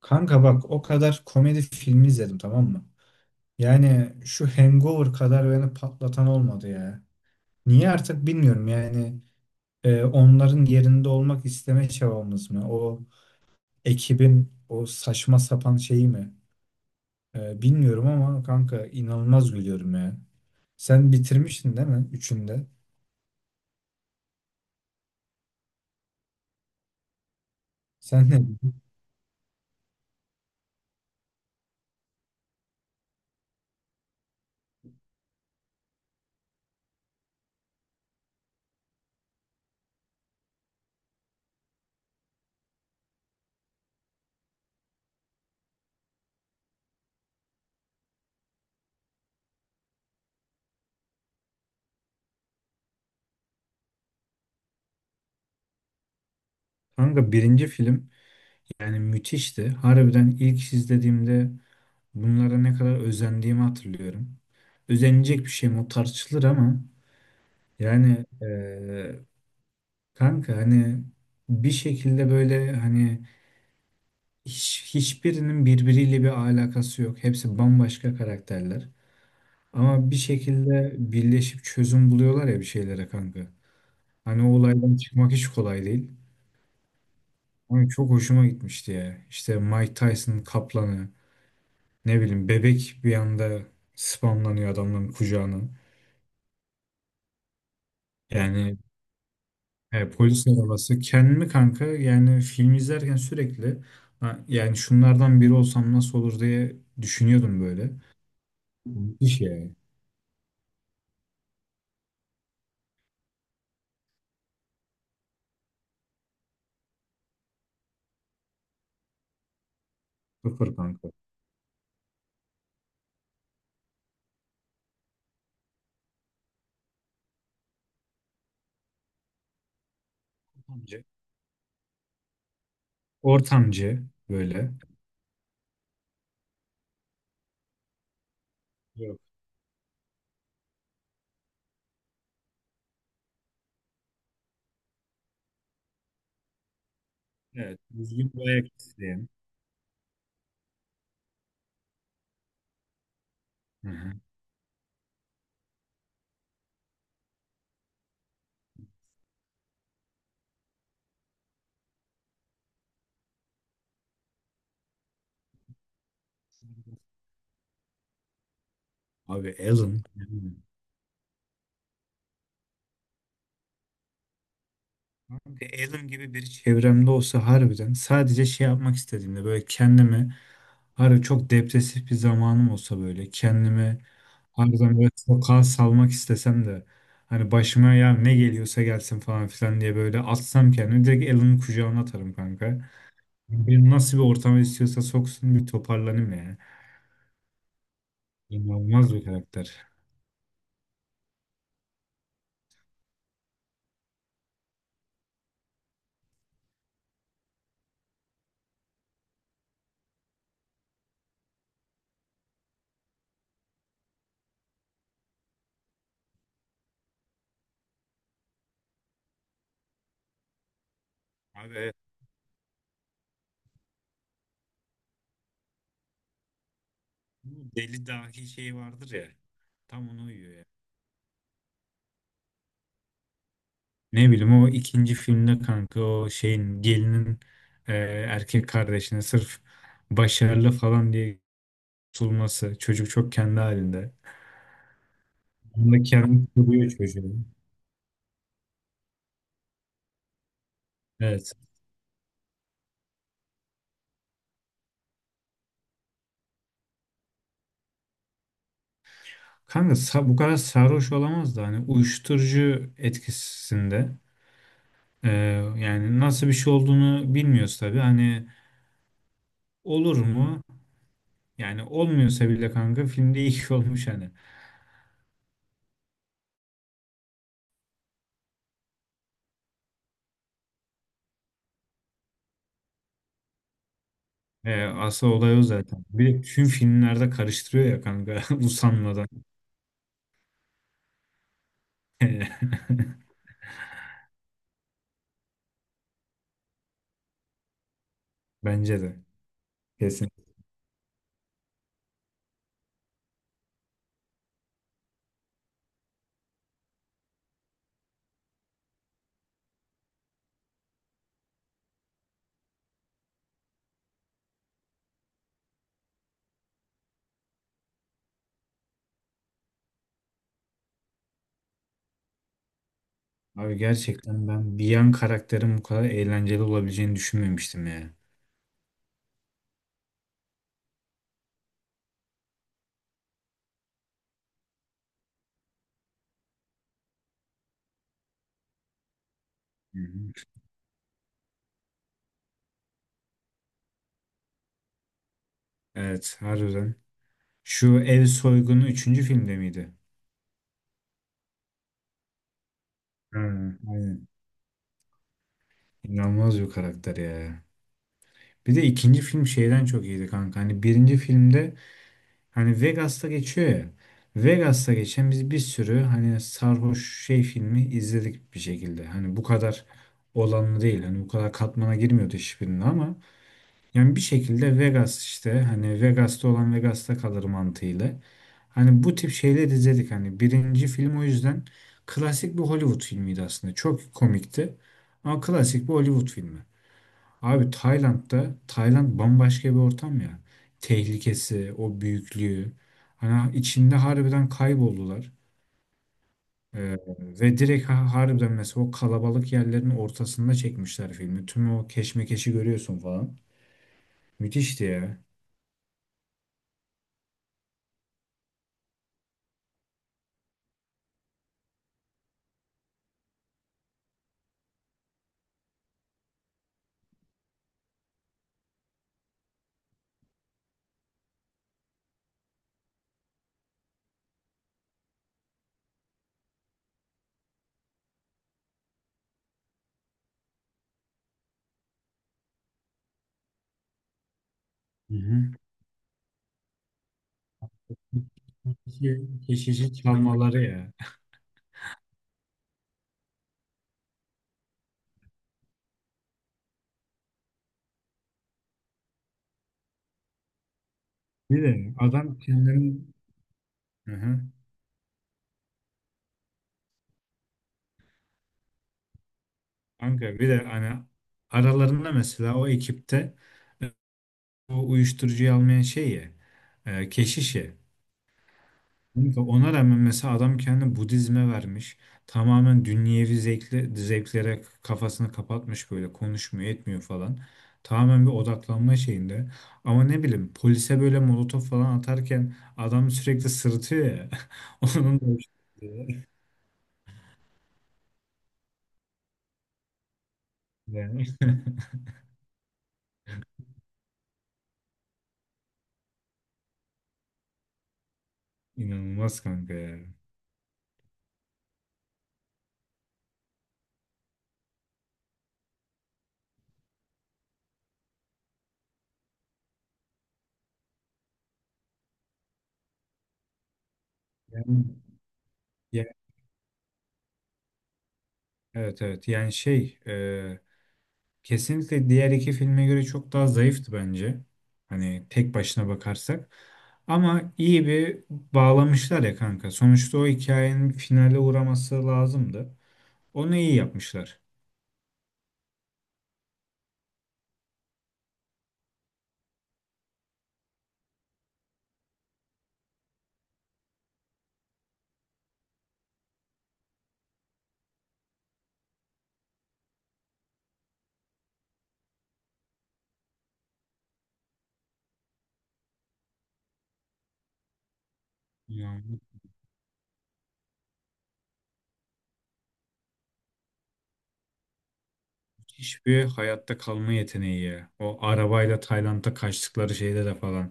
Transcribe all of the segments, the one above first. Kanka bak, o kadar komedi filmi izledim, tamam mı? Yani şu Hangover kadar beni patlatan olmadı ya. Niye artık bilmiyorum yani, onların yerinde olmak isteme çabamız mı? O ekibin o saçma sapan şeyi mi? Bilmiyorum ama kanka inanılmaz gülüyorum ya. Sen bitirmiştin değil mi? Üçünde. Sen ne dedin? Kanka birinci film yani müthişti. Harbiden ilk izlediğimde bunlara ne kadar özendiğimi hatırlıyorum. Özenilecek bir şey mi? O tartışılır ama yani kanka hani bir şekilde böyle hani hiçbirinin birbiriyle bir alakası yok. Hepsi bambaşka karakterler. Ama bir şekilde birleşip çözüm buluyorlar ya bir şeylere kanka. Hani o olaydan çıkmak hiç kolay değil. Ama çok hoşuma gitmişti ya. İşte Mike Tyson'ın kaplanı, ne bileyim bebek bir anda spamlanıyor adamların kucağına. Yani, polis arabası. Kendimi kanka yani film izlerken sürekli "Ha, yani şunlardan biri olsam nasıl olur" diye düşünüyordum böyle. Müthiş yani. Sıfır kanka. Ortamcı. Ortamcı böyle. Yok. Evet. Düzgün bir ayak isteyen. Hı hı. Abi Alan. Kanka Alan gibi biri çevremde olsa, harbiden sadece şey yapmak istediğimde böyle kendimi, harbi çok depresif bir zamanım olsa böyle kendimi, harbiden böyle sokağa salmak istesem de, hani başıma ya ne geliyorsa gelsin falan filan diye böyle atsam, kendimi direkt Alan'ın kucağına atarım kanka. Beni nasıl bir ortama istiyorsa soksun, bir toparlanayım yani. İnanılmaz bir karakter. Abi evet. Bu deli dahi şey vardır ya. Tam ona uyuyor. Ne bileyim o ikinci filmde kanka o şeyin gelinin e, erkek kardeşine sırf başarılı falan diye tutulması. Çocuk çok kendi halinde. Onu da kendi kuruyor çocuğu. Evet. Kanka bu kadar sarhoş olamaz da hani uyuşturucu etkisinde. E, yani nasıl bir şey olduğunu bilmiyoruz tabii. Hani olur mu? Yani olmuyorsa bile kanka filmde iyi ki olmuş hani. Asıl olay o zaten. Bir de tüm filmlerde karıştırıyor ya kanka usanmadan. Bence de. Kesin. Abi gerçekten ben bir yan karakterin bu kadar eğlenceli olabileceğini düşünmemiştim ya. Hı hı. Evet, harbiden. Şu ev soygunu üçüncü filmde miydi? Ha, aynen. İnanılmaz bir karakter ya. Bir de ikinci film şeyden çok iyiydi kanka. Hani birinci filmde hani Vegas'ta geçiyor ya. Vegas'ta geçen biz bir sürü hani sarhoş şey filmi izledik bir şekilde. Hani bu kadar olanlı değil. Hani bu kadar katmana girmiyordu hiçbirinde ama yani bir şekilde Vegas, işte hani Vegas'ta olan Vegas'ta kalır mantığıyla. Hani bu tip şeyleri izledik hani, birinci film o yüzden klasik bir Hollywood filmiydi aslında. Çok komikti ama klasik bir Hollywood filmi. Abi Tayland'da, Tayland bambaşka bir ortam ya. Tehlikesi, o büyüklüğü. Hani içinde harbiden kayboldular. Ee, ve direkt harbiden mesela o kalabalık yerlerin ortasında çekmişler filmi. Tüm o keşmekeşi görüyorsun falan. Müthişti ya. Hı hı. Geçici geçici çalmaları ya. Bir de adam kendinin. Hı hı. Kanka bir de hani aralarında mesela o ekipte o uyuşturucuyu almayan şey ya, keşiş ya. Kanka ona rağmen mesela adam kendini Budizme vermiş. Tamamen dünyevi zevklere kafasını kapatmış, böyle konuşmuyor etmiyor falan. Tamamen bir odaklanma şeyinde. Ama ne bileyim polise böyle molotof falan atarken adam sürekli sırıtıyor ya. Onun da hoşuna gidiyor. Yani. İnanılmaz kanka ya. Yani. Ya, evet evet, yani şey, kesinlikle diğer iki filme göre çok daha zayıftı bence. Hani tek başına bakarsak. Ama iyi bir bağlamışlar ya kanka. Sonuçta o hikayenin finale uğraması lazımdı. Onu iyi yapmışlar. Yani müthiş bir hayatta kalma yeteneği ya. O arabayla Tayland'a kaçtıkları şeyde de falan.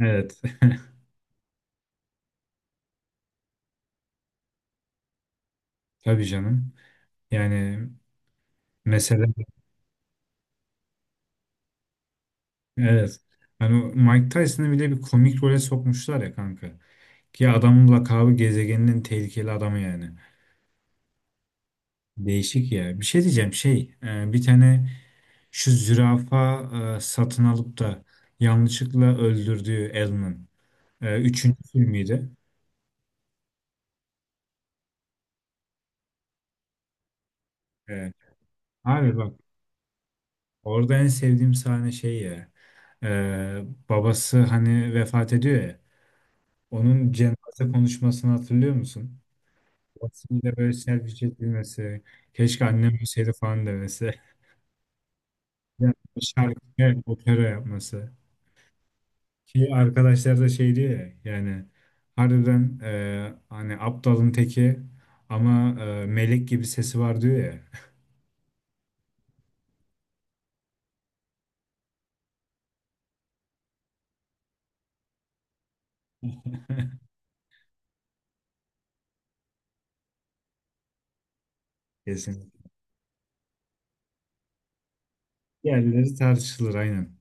Evet. Tabii canım. Yani mesela. Evet. Hani o Mike Tyson'ı bile bir komik role sokmuşlar ya kanka. Ki adamın lakabı gezegeninin tehlikeli adamı yani. Değişik ya. Bir şey diyeceğim şey. Bir tane şu zürafa satın alıp da yanlışlıkla öldürdüğü Alan'ın. Üçüncü filmiydi. Evet. Abi bak, orada en sevdiğim sahne şey ya. e, Babası hani vefat ediyor ya. Onun cenaze konuşmasını hatırlıyor musun? Aslında böyle servis bilmesi. Keşke annem ölseydi falan demesi. Yani şarkı, opera yapması. Ki arkadaşlar da şey diyor ya yani, harbiden hani aptalın teki ama melek gibi sesi var diyor ya. Kesin. Diğerleri tartışılır, aynen.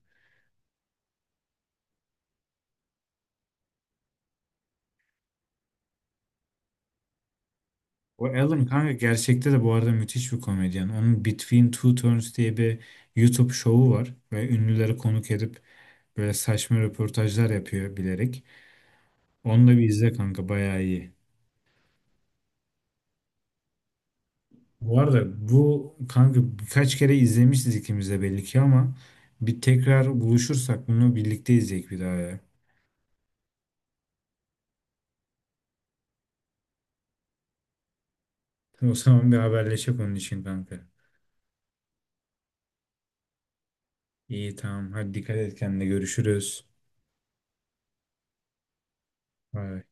O Alan kanka gerçekte de bu arada müthiş bir komedyen. Onun Between Two Turns diye bir YouTube şovu var. Ve ünlüleri konuk edip böyle saçma röportajlar yapıyor bilerek. Onu da bir izle kanka, bayağı iyi. Bu arada bu kanka, birkaç kere izlemişiz ikimiz de belli ki, ama bir tekrar buluşursak bunu birlikte izleyek bir daha ya. O zaman bir haberleşek onun için kanka. İyi, tamam, hadi dikkat et kendine, görüşürüz. Bay bay.